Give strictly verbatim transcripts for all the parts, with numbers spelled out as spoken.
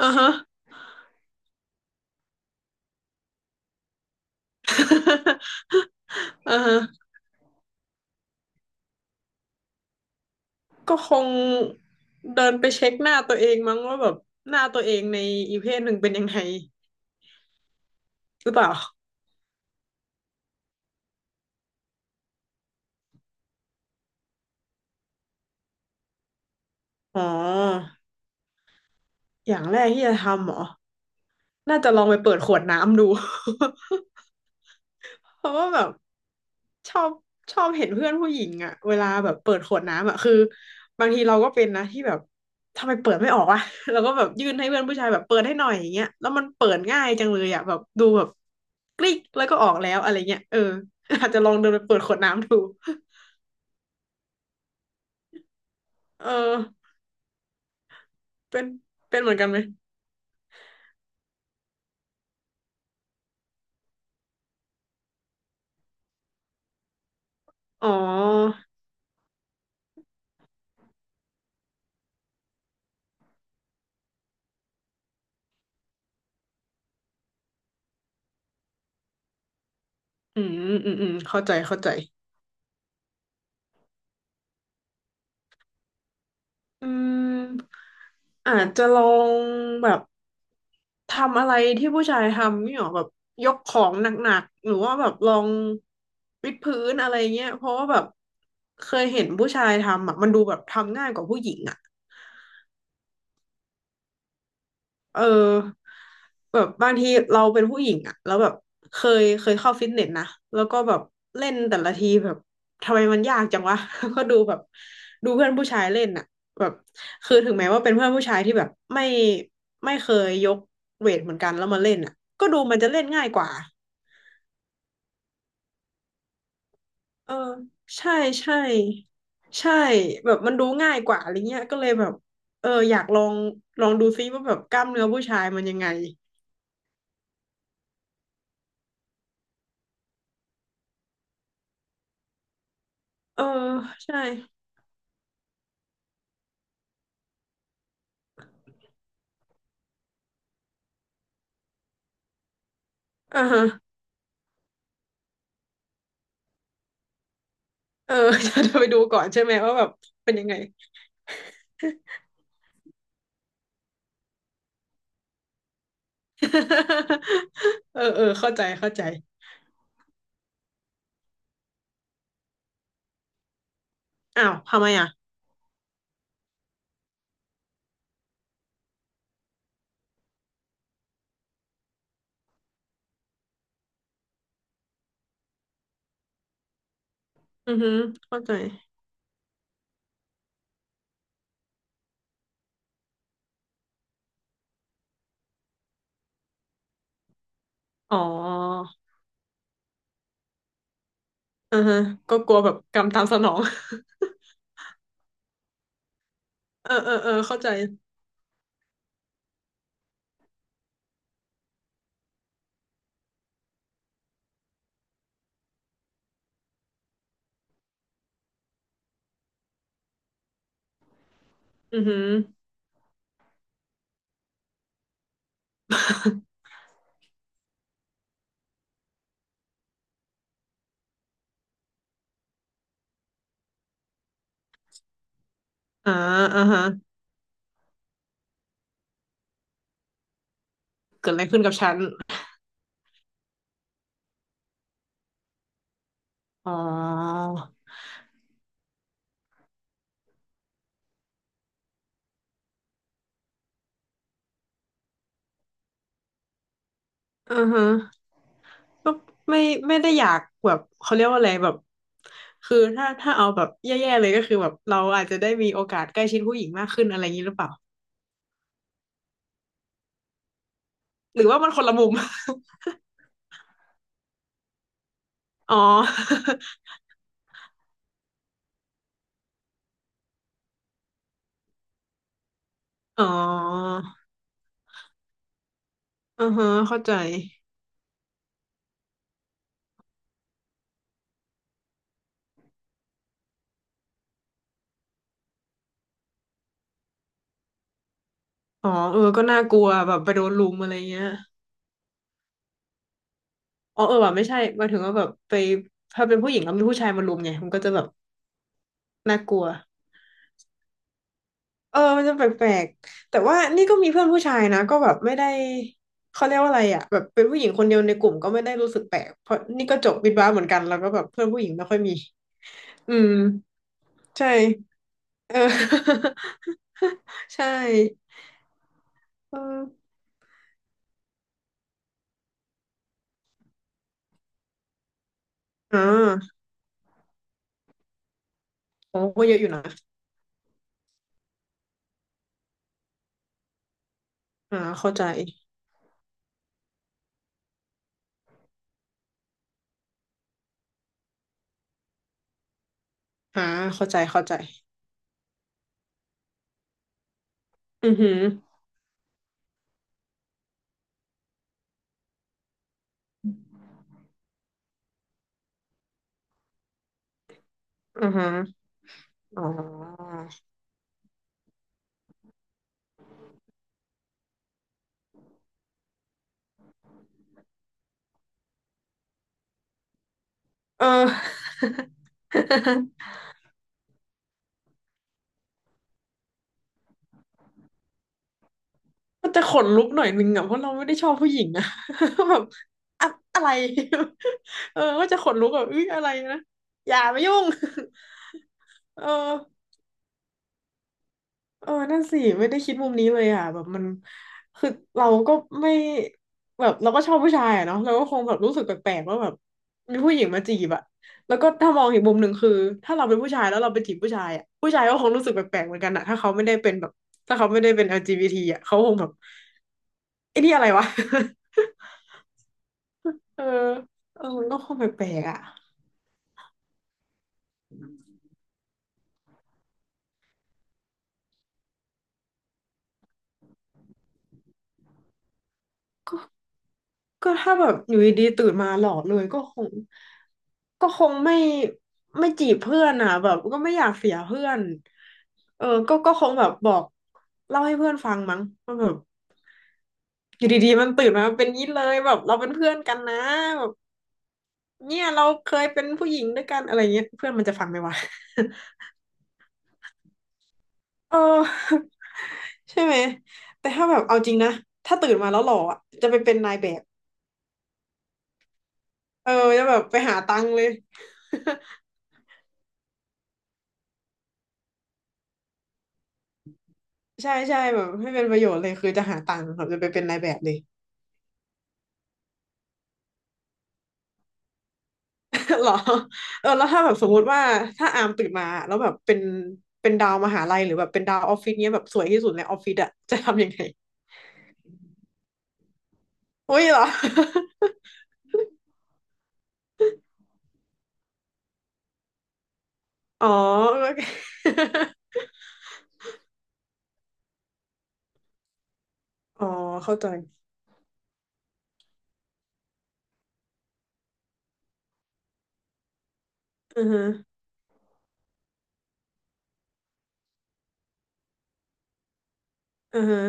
อ่าฮะ อ่าฮะ ก็คงเดินไปเช็คหน้าตัวเองมั้งว่าแบบหน้าตัวเองในอีกเพศหนึ่งเป็นยังไงหรือเปล่าอ๋ออย่างแรกที่จะทำเหรอ น่าจะลองไปเปิดขวดน้ำดู เพราะว่าแบบชอบชอบเห็นเพื่อนผู้หญิงอะเวลาแบบเปิดขวดน้ำอะคือบางทีเราก็เป็นนะที่แบบทำไมเปิดไม่ออกวะ เราก็แบบยื่นให้เพื่อนผู้ชายแบบเปิดให้หน่อยอย่างเงี้ยแล้วมันเปิดง่ายจังเลยอะแบบดูแบบกริ๊กแล้วก็ออกแล้วอะไรเงี้ยเออ อาจจะลองเดินไปเปิดขวดน้ำดู เออเป็นเป็นเหมือนกันไหมอ๋ออืมอืมอืมเข้าใจเข้าใจ อืมอาจจะลองแบบทำอะไรที่ผู้ชายทำนี่หรอแบบยกของหนักๆหรือว่าแบบลองวิดพื้นอะไรเงี้ยเพราะว่าแบบเคยเห็นผู้ชายทำอ่ะมันดูแบบทำง่ายกว่าผู้หญิงอ่ะ เออแบบบางทีเราเป็นผู้หญิงอะแล้วแบบเคยเคยเข้าฟิตเนสนะแล้วก็แบบเล่นแต่ละทีแบบทำไมมันยากจังวะ ก็ดูแบบดูเพื่อนผู้ชายเล่นอะแบบคือถึงแม้ว่าเป็นเพื่อนผู้ชายที่แบบไม่ไม่เคยยกเวทเหมือนกันแล้วมาเล่นอะก็ดูมันจะเล่นง่ายกว่าเออใช่ใช่ใช่แบบมันดูง่ายกว่าอะไรเงี้ยก็เลยแบบเอออยากลองลองดูซิว่าแบบกล้ามเนื้อผู้ชายมันยังไงเออใช่อ่าฮะ เออ จะไปดูก่อนใช่ไหมว่าแบบเป็นยังไง เออเออเข้าใจเข้าใจอ้าวทำไมอ่ะอือฮึเข้าใจอ๋ออือฮะก็กลัวแบบกรรมตามสนอง เออเออเออเข้าใจอือฮึอ่าอ่าฮะเกิดอะไรขึ้นกับฉันอ๋ออือฮะก็ไม่ไม่ได้อยากแบบเขาเรียกว่าอะไรแบบคือถ้าถ้าเอาแบบแย่ๆเลยก็คือแบบเราอาจจะได้มีโอกาสใกล้ชิดผู้หญิงมากขึ้นอะไรอย่างนี้หรือเปล่าหรือว่ามันคนละมุม อ๋อ อ๋ออือฮะเข้าใจ อ๋อเออก็น่ากลัวแบบไปโดนลุมอะไรเงี้ยอ๋อเออว่ะไม่ใช่หมายถึงว่าแบบไปถ้าเป็นผู้หญิงแล้วมีผู้ชายมาลุมไงมันก็จะแบบน่ากลัวเออมันจะแปลกๆแต่ว่านี่ก็มีเพื่อนผู้ชายนะก็แบบไม่ได้เขาเรียกว่าอะไรอ่ะแบบเป็นผู้หญิงคนเดียวในกลุ่มก็ไม่ได้รู้สึกแปลกเพราะนี่ก็จบวิทย์วะเหมือนกันแล้วก็แบบเพื่อนผู้หญิงไม่ค่อยมีอืมใช่เออ ใช่เอออ่าโอ้ก็เยอะอยู่นะอ่าเข้าใจ อ่าเข้าใจเข้าใจ อือหืออือหืออ๋อเออ มันจะขนลุกหน่อยนึงอ่ะเพราะเราไม่ได้ชอบผู้หญิงอ่ะ แบบอะอะไร เออก็จะขนลุกแบบอุ้ยอะไรนะอย่ามายุ่ง เออ เออนั่นสิไม่ได้คิดมุมนี้เลยอ่ะแบบมันคือเราก็ไม่แบบเราก็ชอบผู้ชายอะเนาะเราก็คงแบบรู้สึกแปลกๆว่าแบบมีผู้หญิงมาจีบอะแล้วก็ถ้ามองอีกมุมหนึ่งคือถ้าเราเป็นผู้ชายแล้วเราไปจีบผู้ชายอะผู้ชายก็คงรู้สึกแปลกๆเหมือนกันอะถ้าเขาไม่ได้เป็นแบบถ้าเขาไม่ได้เป็น แอล จี บี ที อลจีบีทีอะเขาคงแบบไอ้นี่อะไรวะ เออเออมันก็คงแปลกๆอะ ก็ถ้าแบบอยู่ดีๆตื่นมาหล่อเลยก็คงก็คงไม่ไม่จีบเพื่อนอ่ะแบบก็ไม่อยากเสียเพื่อนเออก็ก็คงแบบบอกเล่าให้เพื่อนฟังมั้งมันแบบอยู่ดีๆมันตื่นมาเป็นนี้เลยแบบเราเป็นเพื่อนกันนะแบบเนี่ยเราเคยเป็นผู้หญิงด้วยกันอะไรเงี้ยเพื่อนมันจะฟังไหมวะ เออใช่ไหมแต่ถ้าแบบเอาจริงนะถ้าตื่นมาแล้วหล่ออะจะไปเป็นนายแบบเออจะแบบไปหาตังค์เลย ใช่ใช่แบบให้เป็นประโยชน์เลยคือจะหาตังค์แบบจะไปเป็นนายแบบเลย เหรอเออแล้วถ้าแบบสมมุติว่าถ้าอามตื่นมาแล้วแบบเป็นเป็นดาวมหาลัยหรือแบบเป็นดาวออฟฟิศเนี้ยแบบสวยที่สุดในออฟฟิศอะจะทำยังไงอุ้ยเหรอ อ๋อโอเคอ๋อเข้าใจอือฮะอือฮะ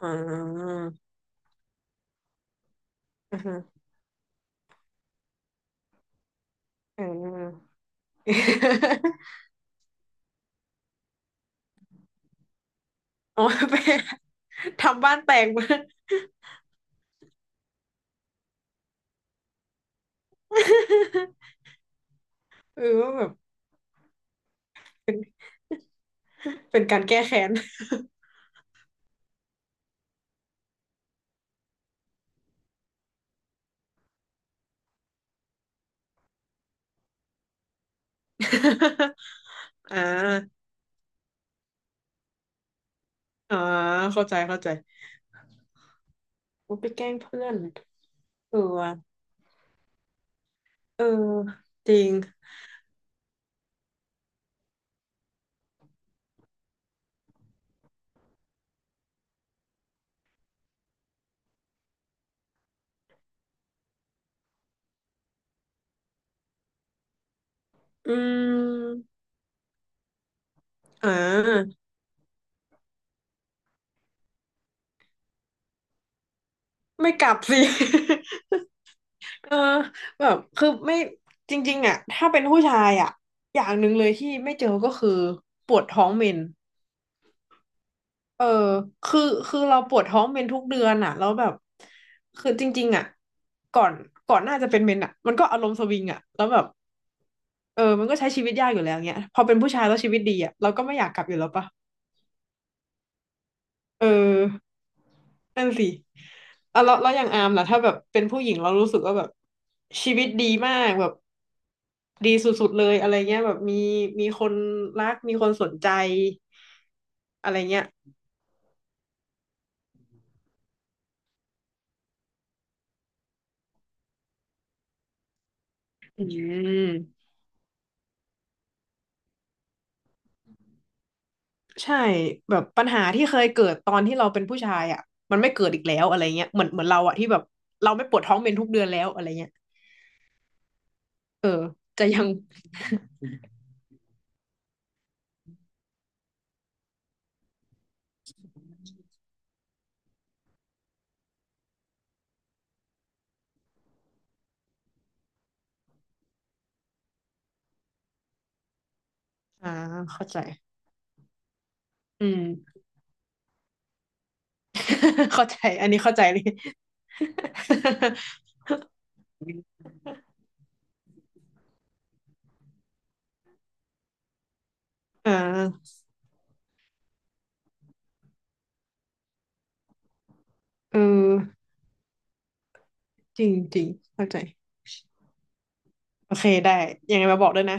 อ่าอือฮะอ่า อ๋อ ไปทำบ้านแตกมา เออว่าแบบเป็นการแก้แค้น อ่า อ่าเข้าใจเข้าใจโอ้ไปแกล้งเพื่อนเออว่ะเออจริงอืมอ่าไม่กลับสิ เออแบบคือไม่จริงๆอ่ะถ้าเป็นผู้ชายอ่ะอย่างหนึ่งเลยที่ไม่เจอก็คือปวดท้องเมนเออคือคือเราปวดท้องเมนทุกเดือนอ่ะแล้วแบบคือจริงๆอ่ะก่อนก่อนหน้าจะเป็นเมนอ่ะมันก็อารมณ์สวิงอ่ะแล้วแบบเออมันก็ใช้ชีวิตยากอยู่แล้วเงี้ยพอเป็นผู้ชายแล้วชีวิตดีอ่ะเราก็ไม่อยากกลับอยู่แล้วปะ เออนั่นสิอ่ะแล้วแล้วอย่างอาร์มล่ะถ้าแบบเป็นผู้หญิงเรารู้สึกว่าแบบชีวิตดีมากแบบดีสุดๆเลยอะไรเงี้ยแบบมีมีคนรักมีคนสนใจอะไรเงี้ยอืมใช่แบบปัญหาที่เคยเกิดตอนที่เราเป็นผู้ชายอ่ะมันไม่เกิดอีกแล้วอะไรเงี้ยเหมือนเหมือนเราอ่ะที่แบบเราไม่ปวดท้องเป็นทุกเดือนแล้วอะไรเงี้ยเออจะยังอ่าเข้าใจอืม เข้าใจอันนี้เข้าใจเลย อ่า เออจริงจริงเข้าใจโอเคได้ยังไงมาบอกด้วยนะ